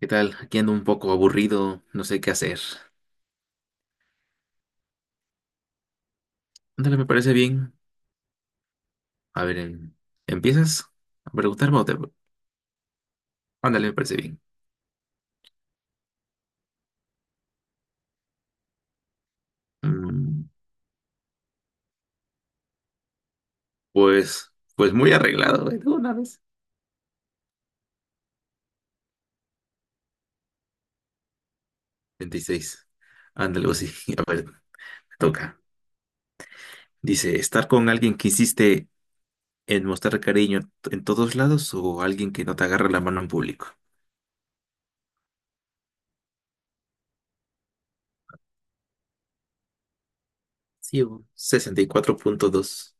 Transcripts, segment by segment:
¿Qué tal? Aquí ando un poco aburrido, no sé qué hacer. Ándale, me parece bien. A ver, ¿empiezas a preguntarme o te. Ándale, me parece bien. Mm, pues muy arreglado, güey, de una vez. 26. Ándale, o sí. A ver, me toca. Dice, ¿estar con alguien que insiste en mostrar cariño en todos lados o alguien que no te agarra la mano en público? Sí, bo. 64.2.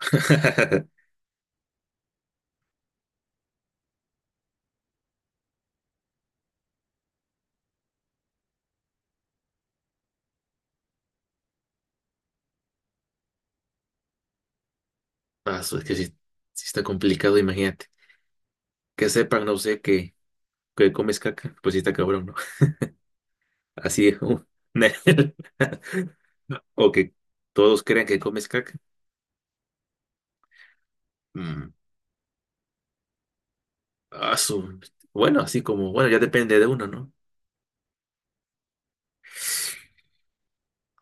Ah, es que sí, sí está complicado, imagínate. Que sepan, no sé, que comes caca, pues sí está cabrón, ¿no? Así, o que todos crean que comes caca. Mm, ah, bueno, así como, bueno, ya depende de uno, ¿no?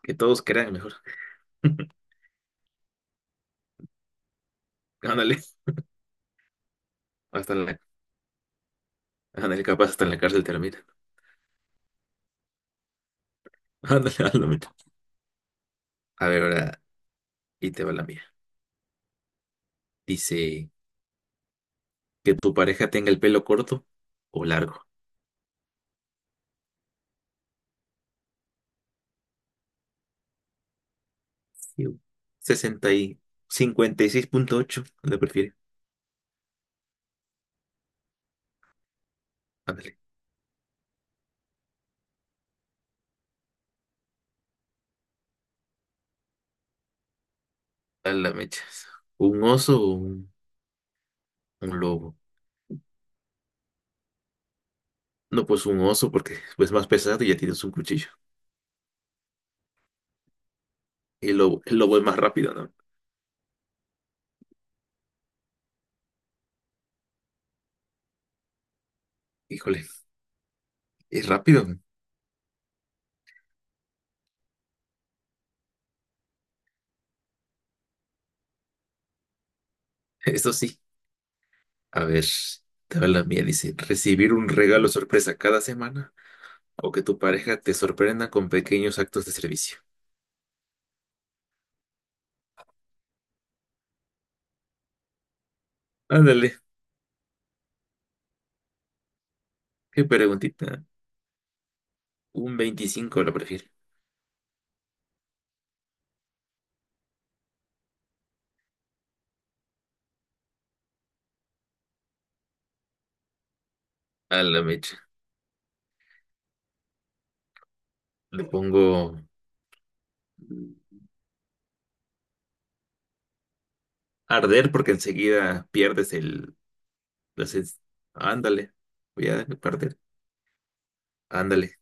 Que todos crean mejor. Ándale, hasta en la, ándale, capaz hasta en la cárcel termina. Ándale, ándale, mira. A ver, ahora, y te va la mía. Dice que tu pareja tenga el pelo corto o largo. Iu. 60 y 56.8 le prefiere. Ándale, a la mecha. ¿Un oso o un? Un lobo. No, pues un oso porque es más pesado y ya tienes un cuchillo. Y el lobo es más rápido, ¿no? Híjole, es rápido. Eso sí. A ver, te va la mía. Dice, recibir un regalo sorpresa cada semana o que tu pareja te sorprenda con pequeños actos de servicio. Ándale, qué preguntita. Un 25 lo prefiero. A la mecha. Le pongo arder porque enseguida pierdes el. las- es- Ándale, voy a perder. Ándale.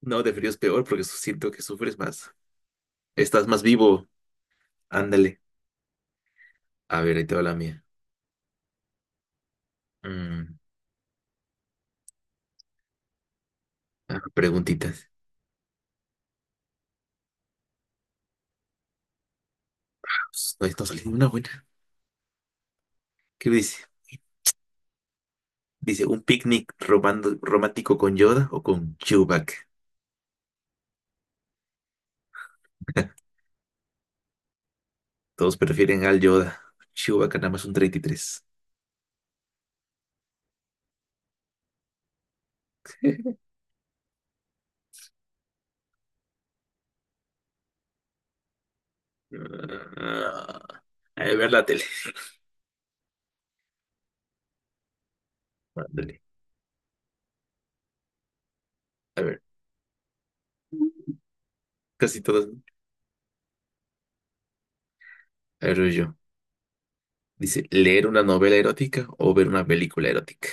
No, de frío es peor porque siento que sufres más. Estás más vivo. Ándale. A ver, ahí te va la mía. Mm, ah, preguntitas. Pues, no, no salió una buena. ¿Qué dice? Dice, ¿un picnic romántico con Yoda o con Chewbacca? Todos prefieren al Yoda. Chewbacca nada más un 33. Ah, a ver la tele. Ándale. A ver, casi todas, ¿no? A ver, voy yo. Dice, ¿leer una novela erótica o ver una película erótica?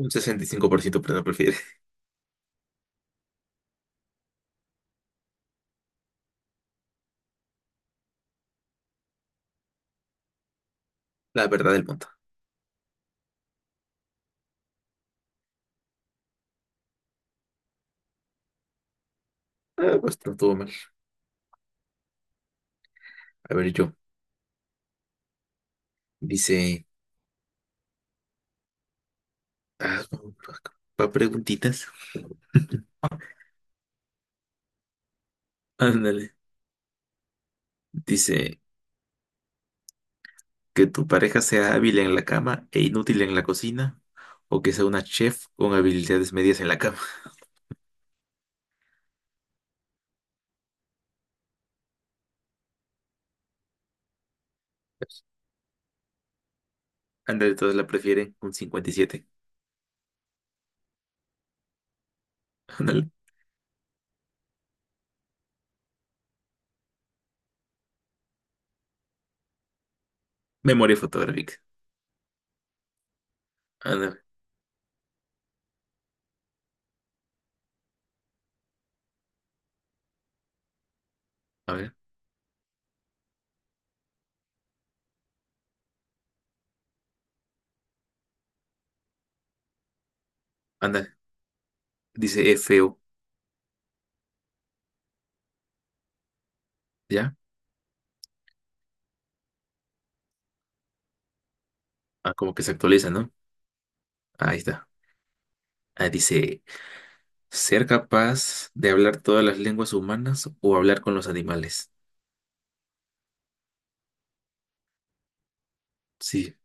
Un 65% prefiere la verdad del mundo. Ah, pues no todo mal. A ver, yo. Dice. Ah, no, pa preguntitas. Ándale. Dice que tu pareja sea hábil en la cama e inútil en la cocina, o que sea una chef con habilidades medias en la cama. Ándale, todos la prefieren un 57. Ándale. Memoria fotográfica. Ándale. A ver. Ándale. Dice es feo. ¿Ya? Ah, como que se actualiza, ¿no? Ahí está. Ah, dice ser capaz de hablar todas las lenguas humanas o hablar con los animales. Sí,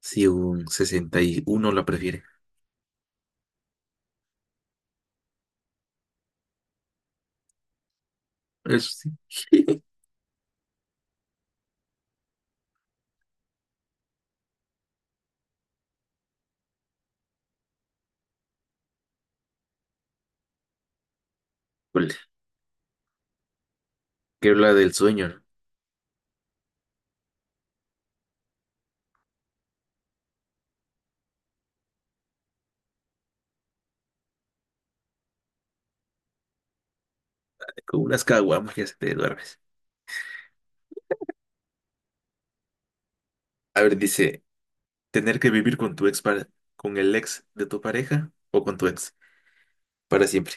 si un 61 la prefiere. Eso sí. Híjole, que habla del sueño, ¿no? Con unas caguamas ya se te duermes. A ver, dice, tener que vivir con tu ex para, con el ex de tu pareja o con tu ex para siempre.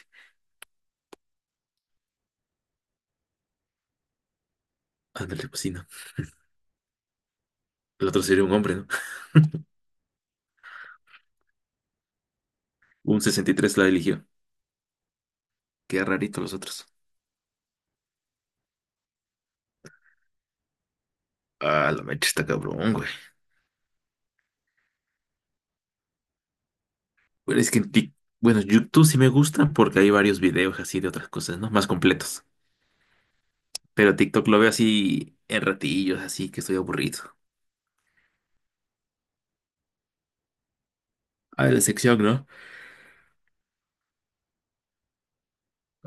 Ándale, pues sí, no. El otro sería un hombre, ¿no? Un 63 la eligió. Qué rarito los otros. Ah, la mecha está cabrón, güey. Bueno, es que bueno, YouTube sí me gusta porque hay varios videos así de otras cosas, ¿no? Más completos. Pero TikTok lo veo así en ratillos, así que estoy aburrido. A ver, sección, ¿no?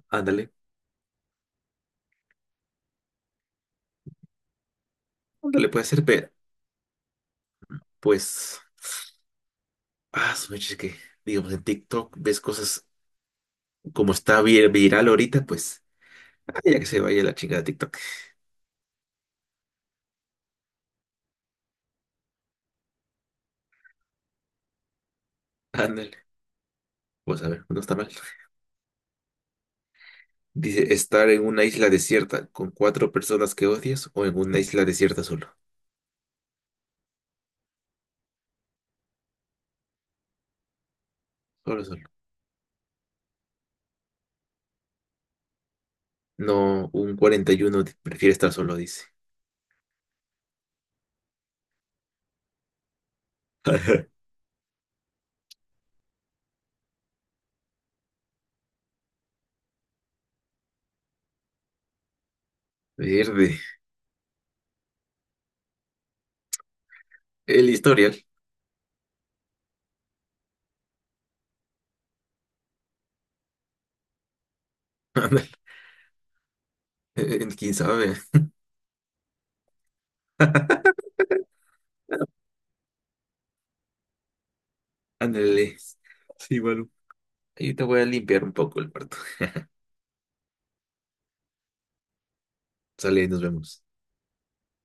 Ándale, ándale, puede ser, pero pues, ah, su mecha, es que, digamos, en TikTok ves cosas como está viral ahorita, pues, ah, ya que se vaya la chingada de TikTok. Ándale, pues a ver, no está mal. Dice, estar en una isla desierta con cuatro personas que odias o en una isla desierta solo. Solo, solo. No, un 41 prefiere estar solo, dice. Verde. El historial. Ándale, quién sabe. Ándale. Sí, bueno. Ahí te voy a limpiar un poco el cuarto. Sale, nos vemos.